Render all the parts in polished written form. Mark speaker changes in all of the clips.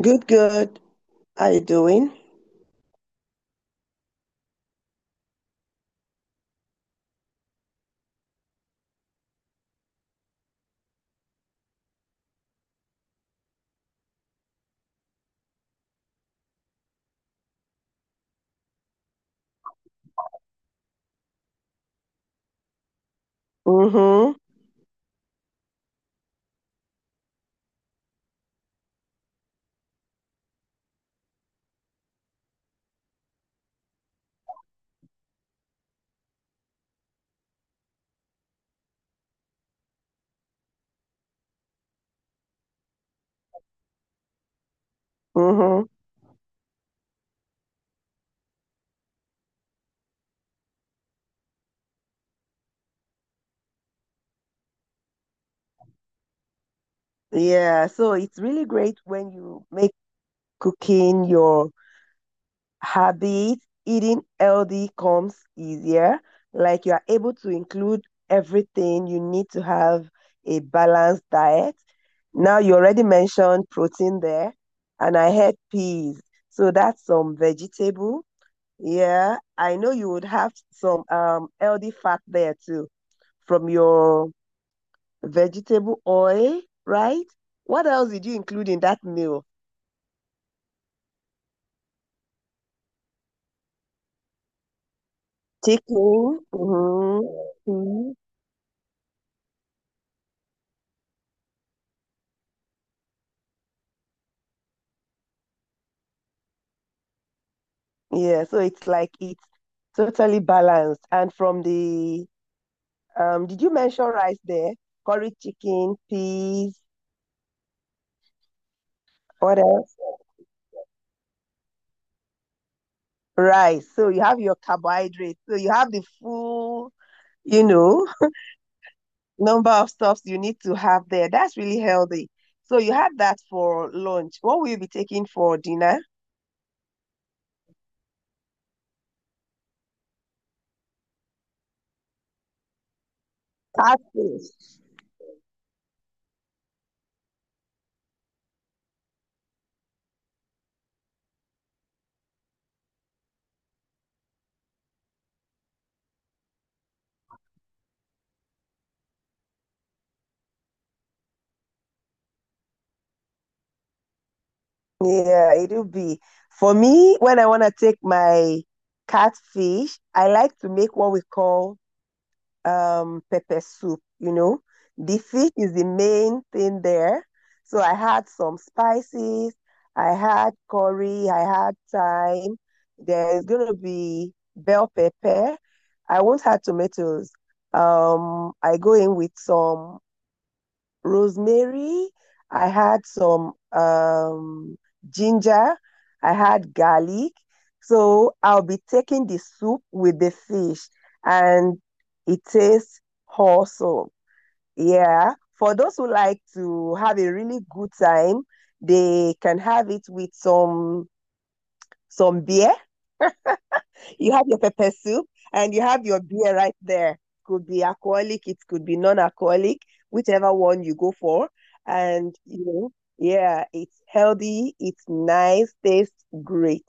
Speaker 1: Good, good. How you doing? Mm-hmm. Mm-hmm. Yeah, so it's really great when you make cooking your habit, eating healthy comes easier. Like you are able to include everything you need to have a balanced diet. Now you already mentioned protein there, and I had peas. So that's some vegetable. Yeah, I know you would have some healthy fat there too from your vegetable oil, right? What else did you include in that meal? Chicken. Mm-hmm. Mm. Yeah, so it's like it's totally balanced. And from the did you mention rice there? Curry chicken, peas, what else? Rice. So you have your carbohydrates. So you have the full, you know, number of stuffs you need to have there. That's really healthy. So you had that for lunch. What will you be taking for dinner? Catfish. Yeah, it'll be. For me, when I want to take my catfish, I like to make what we call pepper soup. The fish is the main thing there. So I had some spices, I had curry, I had thyme. There's gonna be bell pepper. I won't have tomatoes. I go in with some rosemary, I had some ginger, I had garlic. So I'll be taking the soup with the fish and it tastes awesome. Yeah. For those who like to have a really good time, they can have it with some beer. You have your pepper soup and you have your beer right there. Could be alcoholic, it could be non-alcoholic, whichever one you go for. And you know, yeah, it's healthy, it's nice, tastes great.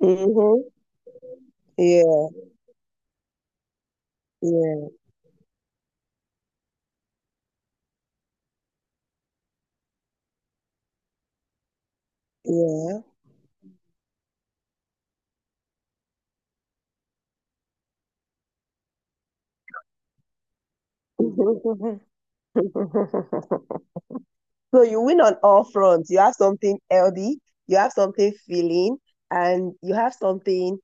Speaker 1: Mm-hmm. Yeah, yeah, yeah, So you win on all fronts. You have something healthy, you have something filling, and you have something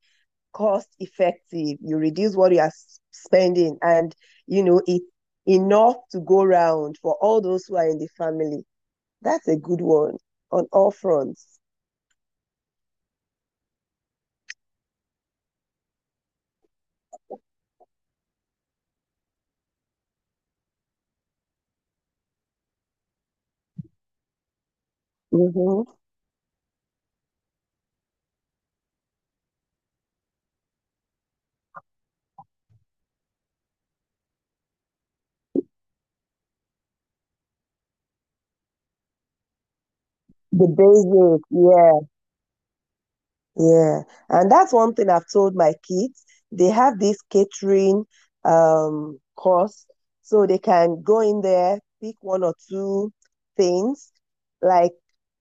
Speaker 1: cost effective. You reduce what you are spending, and you know it's enough to go round for all those who are in the family. That's a good one on all fronts. Mm-hmm. The basic, yeah. Yeah, and that's one thing I've told my kids. They have this catering course, so they can go in there, pick one or two things, like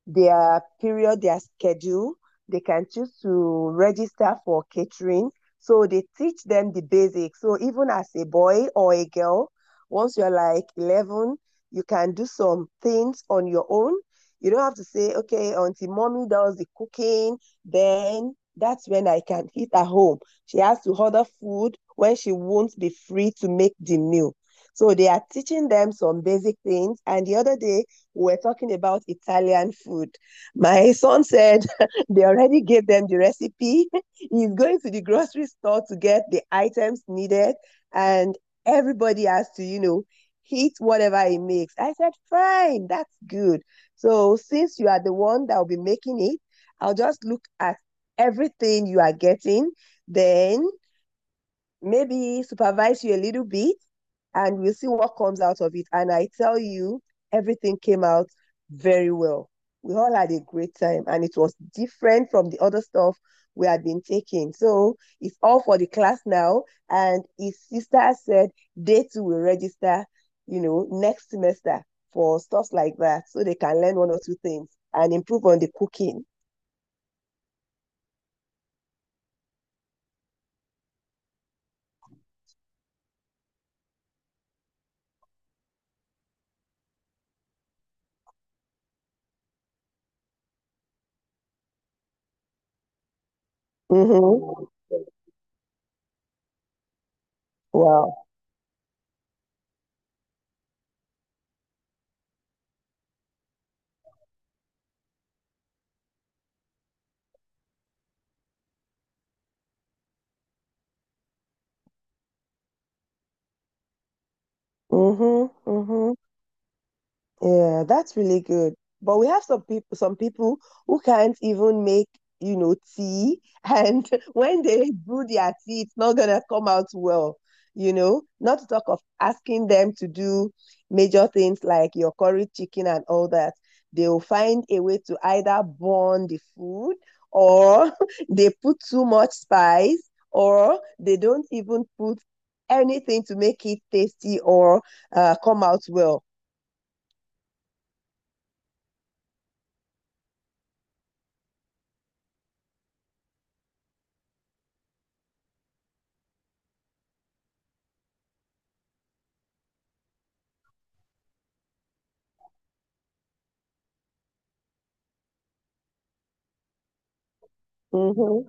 Speaker 1: their period, their schedule. They can choose to register for catering. So they teach them the basics. So even as a boy or a girl, once you're like 11, you can do some things on your own. You don't have to say, okay, Auntie Mommy does the cooking then that's when I can eat at home. She has to order food when she won't be free to make the meal. So they are teaching them some basic things. And the other day, we were talking about Italian food. My son said they already gave them the recipe. He's going to the grocery store to get the items needed. And everybody has to eat whatever he makes. I said, fine, that's good. So since you are the one that will be making it, I'll just look at everything you are getting, then maybe supervise you a little bit, and we'll see what comes out of it. And I tell you, everything came out very well. We all had a great time, and it was different from the other stuff we had been taking. So it's all for the class now. And his sister said they too will register next semester for stuff like that so they can learn one or two things and improve on the cooking. Mm-hmm. Wow. Mm-hmm. Mm-hmm. Yeah, that's really good. But we have some people who can't even make tea, and when they brew their tea, it's not gonna come out well, you know. Not to talk of asking them to do major things like your curry chicken and all that. They will find a way to either burn the food, or they put too much spice, or they don't even put anything to make it tasty or come out well. Mm-hmm.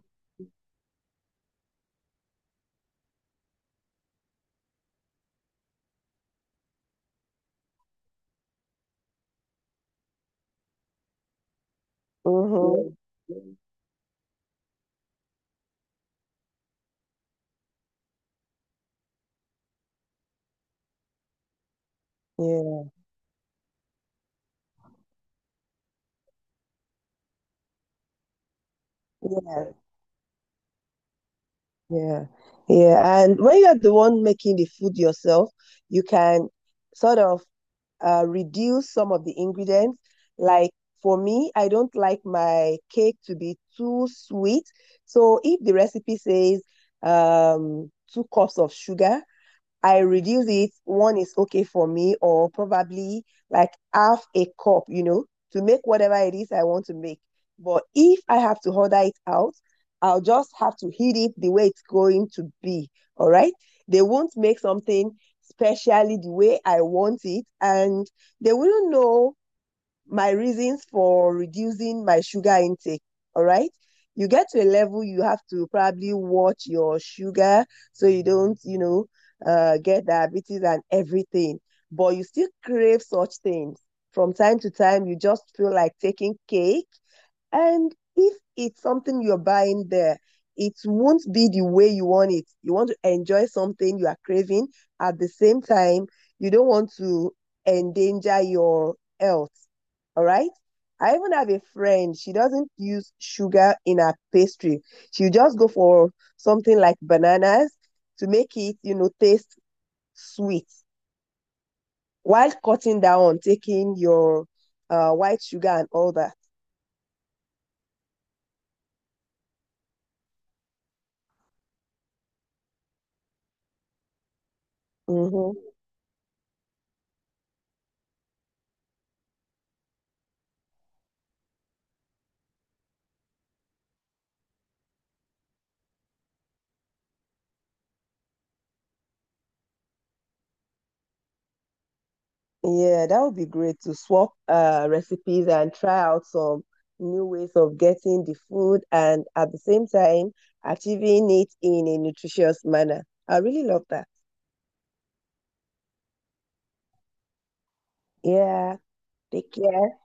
Speaker 1: Mm-hmm. Yeah. Yeah. Yeah, yeah, yeah, yeah. And when you're the one making the food yourself, you can sort of reduce some of the ingredients. Like for me, I don't like my cake to be too sweet. So if the recipe says two cups of sugar, I reduce it, one is okay for me, or probably like half a cup, you know, to make whatever it is I want to make. But if I have to order it out, I'll just have to heat it the way it's going to be. All right. They won't make something specially the way I want it, and they wouldn't know my reasons for reducing my sugar intake. All right. You get to a level you have to probably watch your sugar so you don't, you know, get diabetes and everything. But you still crave such things. From time to time, you just feel like taking cake and if it's something you're buying there, it won't be the way you want it. You want to enjoy something you are craving. At the same time, you don't want to endanger your health. All right. I even have a friend, she doesn't use sugar in her pastry. She'll just go for something like bananas to make it, you know, taste sweet while cutting down on taking your white sugar and all that. Mhm. Yeah, that would be great to swap recipes and try out some new ways of getting the food and at the same time achieving it in a nutritious manner. I really love that. Yeah, take care.